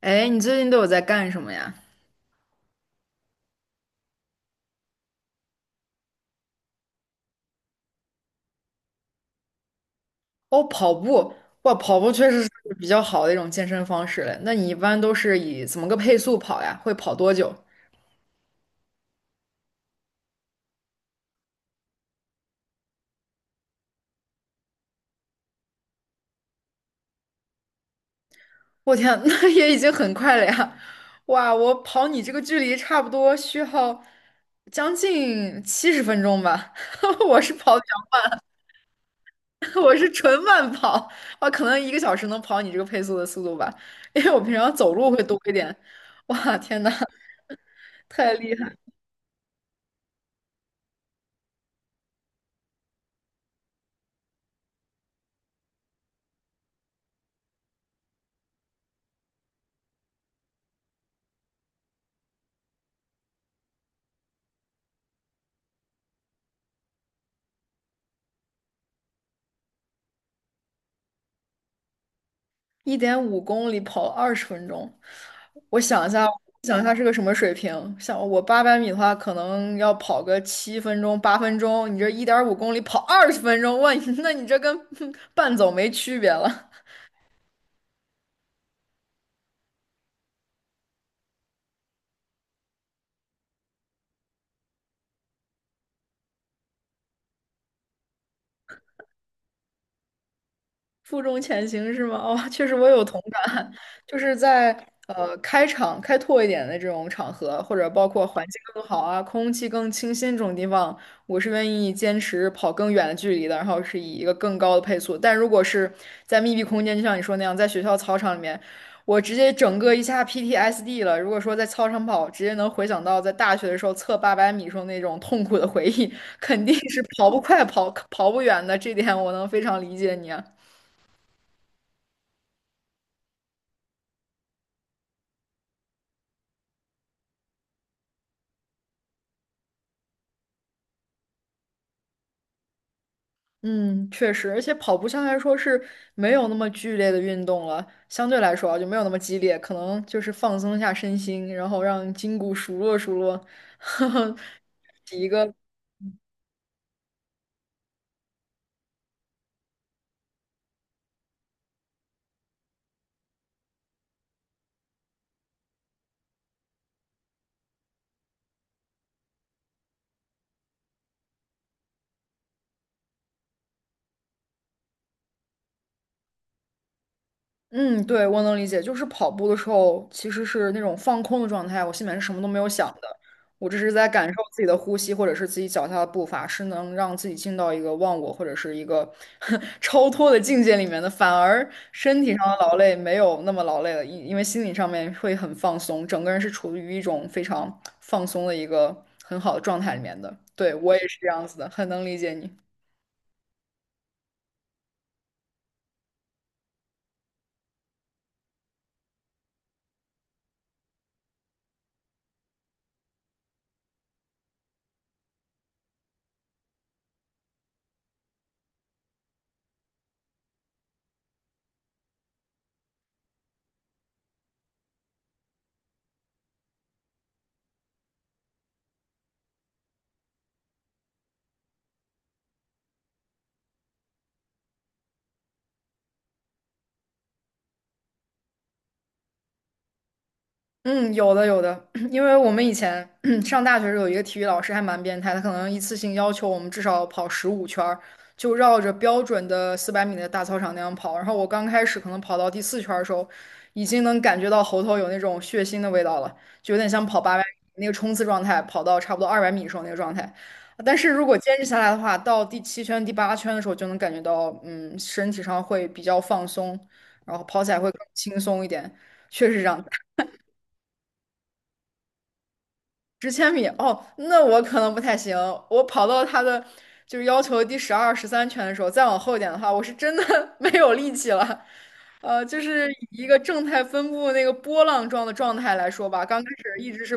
哎，你最近都有在干什么呀？哦，跑步，哇，跑步确实是比较好的一种健身方式了。那你一般都是以怎么个配速跑呀？会跑多久？我天，那也已经很快了呀！哇，我跑你这个距离差不多需要将近70分钟吧。我是跑比较慢，我是纯慢跑，啊，可能一个小时能跑你这个配速的速度吧，因为我平常走路会多一点。哇，天呐，太厉害！一点五公里跑二十分钟，我想一下，想一下是个什么水平？像我八百米的话，可能要跑个7分钟、8分钟，你这一点五公里跑二十分钟，哇，你那你这跟 半走没区别了。负重前行是吗？哦，确实我有同感，就是在开场开拓一点的这种场合，或者包括环境更好啊、空气更清新这种地方，我是愿意坚持跑更远的距离的，然后是以一个更高的配速。但如果是在密闭空间，就像你说那样，在学校操场里面，我直接整个一下 PTSD 了。如果说在操场跑，直接能回想到在大学的时候测八百米时候那种痛苦的回忆，肯定是跑不快、跑不远的，这点我能非常理解你啊。嗯，确实，而且跑步相对来说是没有那么剧烈的运动了，相对来说啊就没有那么激烈，可能就是放松一下身心，然后让筋骨熟络熟络，呵呵，洗一个嗯，对，我能理解，就是跑步的时候其实是那种放空的状态，我心里面是什么都没有想的，我只是在感受自己的呼吸或者是自己脚下的步伐，是能让自己进到一个忘我或者是一个 超脱的境界里面的，反而身体上的劳累没有那么劳累了，因为心理上面会很放松，整个人是处于一种非常放松的一个很好的状态里面的。对，我也是这样子的，很能理解你。嗯，有的有的，因为我们以前 上大学时候有一个体育老师还蛮变态，他可能一次性要求我们至少跑15圈儿，就绕着标准的400米的大操场那样跑。然后我刚开始可能跑到第4圈儿的时候，已经能感觉到喉头有那种血腥的味道了，就有点像跑八百米那个冲刺状态，跑到差不多200米的时候那个状态。但是如果坚持下来的话，到第7圈、第8圈的时候就能感觉到，嗯，身体上会比较放松，然后跑起来会更轻松一点。确实这样，十千米哦，那我可能不太行。我跑到他的就是要求第12、13圈的时候，再往后一点的话，我是真的 没有力气了。就是以一个正态分布那个波浪状的状态来说吧，刚开始一直是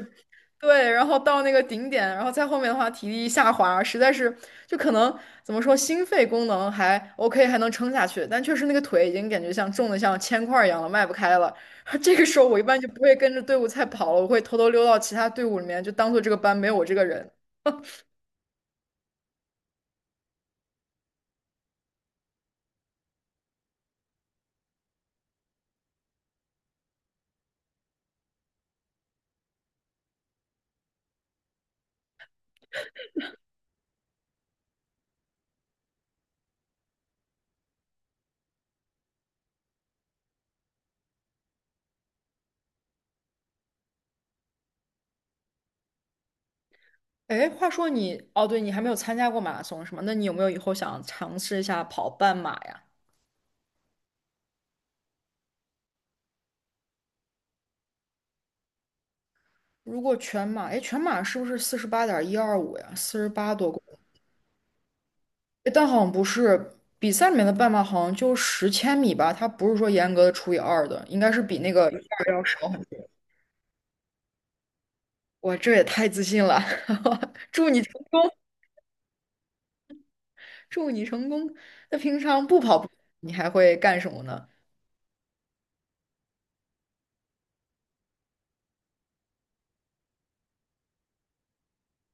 对，然后到那个顶点，然后再后面的话体力下滑，实在是就可能怎么说，心肺功能还 OK,还能撑下去，但确实那个腿已经感觉像重的像铅块儿一样了，迈不开了。这个时候我一般就不会跟着队伍赛跑了，我会偷偷溜到其他队伍里面，就当做这个班没有我这个人。哎，话说你，哦，对，你还没有参加过马拉松是吗？那你有没有以后想尝试一下跑半马呀？如果全马，哎，全马是不是48.125呀？四十八多公里？哎，但好像不是，比赛里面的半马好像就十千米吧，它不是说严格的除以二的，应该是比那个一二要少很多。哇，这也太自信了，祝你成功！祝你成功。那平常不跑步，你还会干什么呢？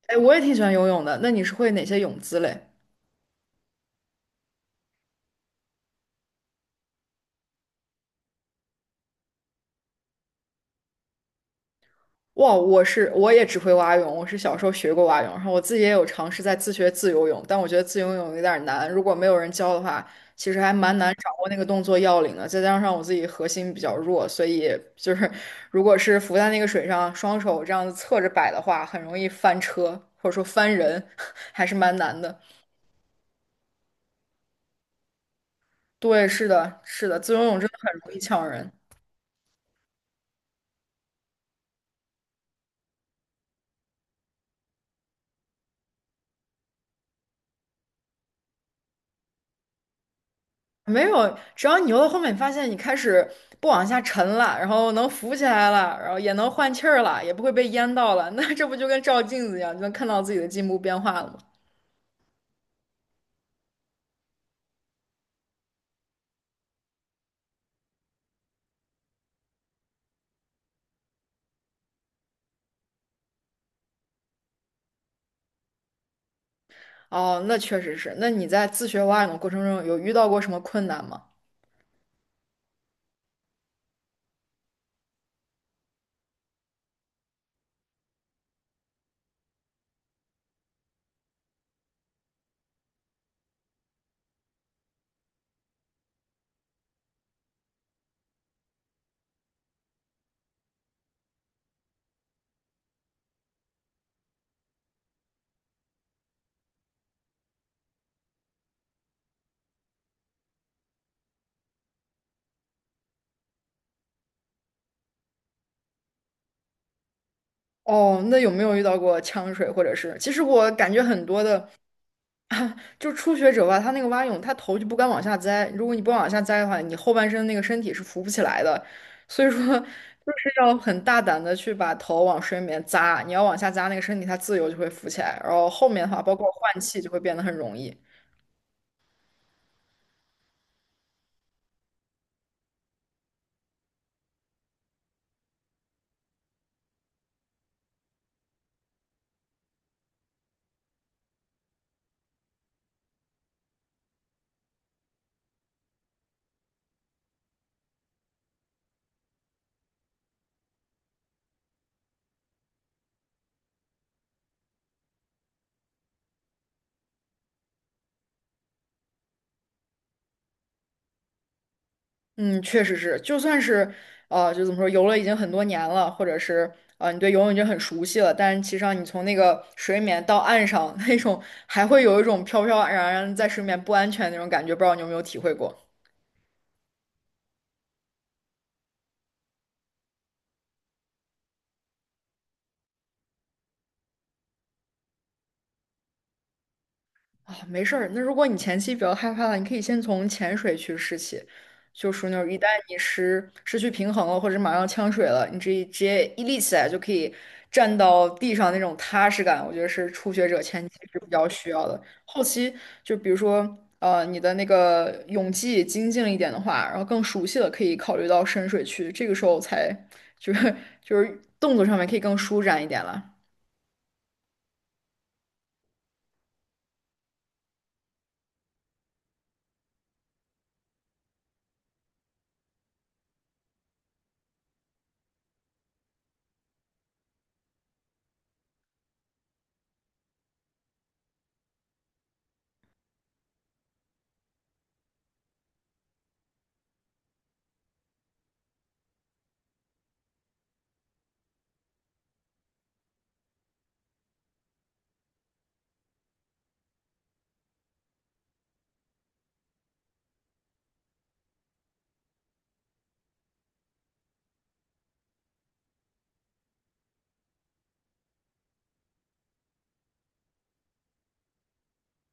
哎，我也挺喜欢游泳的。那你是会哪些泳姿嘞？哇，我也只会蛙泳，我是小时候学过蛙泳，然后我自己也有尝试在自学自由泳，但我觉得自由泳有点难，如果没有人教的话，其实还蛮难掌握那个动作要领的。再加上我自己核心比较弱，所以就是如果是浮在那个水上，双手这样子侧着摆的话，很容易翻车或者说翻人，还是蛮难的。对，是的，是的，自由泳真的很容易呛人。没有，只要你游到后面，你发现你开始不往下沉了，然后能浮起来了，然后也能换气儿了，也不会被淹到了，那这不就跟照镜子一样，就能看到自己的进步变化了吗？哦，那确实是。那你在自学蛙泳的过程中，有遇到过什么困难吗？哦，那有没有遇到过呛水，或者是？其实我感觉很多的就初学者吧，他那个蛙泳，他头就不敢往下栽。如果你不往下栽的话，你后半身那个身体是浮不起来的。所以说，就是要很大胆的去把头往水里面扎。你要往下扎，那个身体它自由就会浮起来。然后后面的话，包括换气就会变得很容易。嗯，确实是，就算是就怎么说，游了已经很多年了，或者是你对游泳已经很熟悉了，但是其实上你从那个水里面到岸上，那种还会有一种飘飘然然在水里面不安全的那种感觉，不知道你有没有体会过？啊，没事儿。那如果你前期比较害怕了，你可以先从潜水去试起，就属于那种一旦你失去平衡了，或者马上呛水了，你直接一立起来就可以站到地上那种踏实感，我觉得是初学者前期是比较需要的。后期就比如说你的那个泳技精进了一点的话，然后更熟悉了，可以考虑到深水区，这个时候才就是 就是动作上面可以更舒展一点了，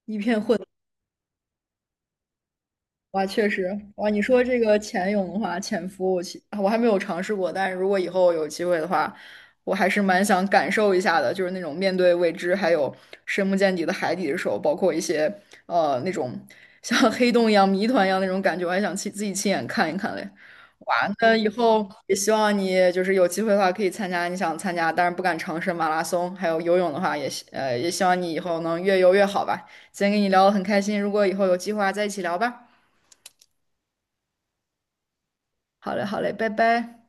一片混。哇，确实，哇，你说这个潜泳的话，潜伏我其啊我还没有尝试过，但是如果以后有机会的话，我还是蛮想感受一下的，就是那种面对未知，还有深不见底的海底的时候，包括一些那种像黑洞一样、谜团一样那种感觉，我还想亲自己亲眼看一看嘞。哇，那以后也希望你就是有机会的话，可以参加你想参加，但是不敢尝试马拉松，还有游泳的话也希望你以后能越游越好吧。今天跟你聊得很开心，如果以后有计划再一起聊吧。好嘞，好嘞，拜拜。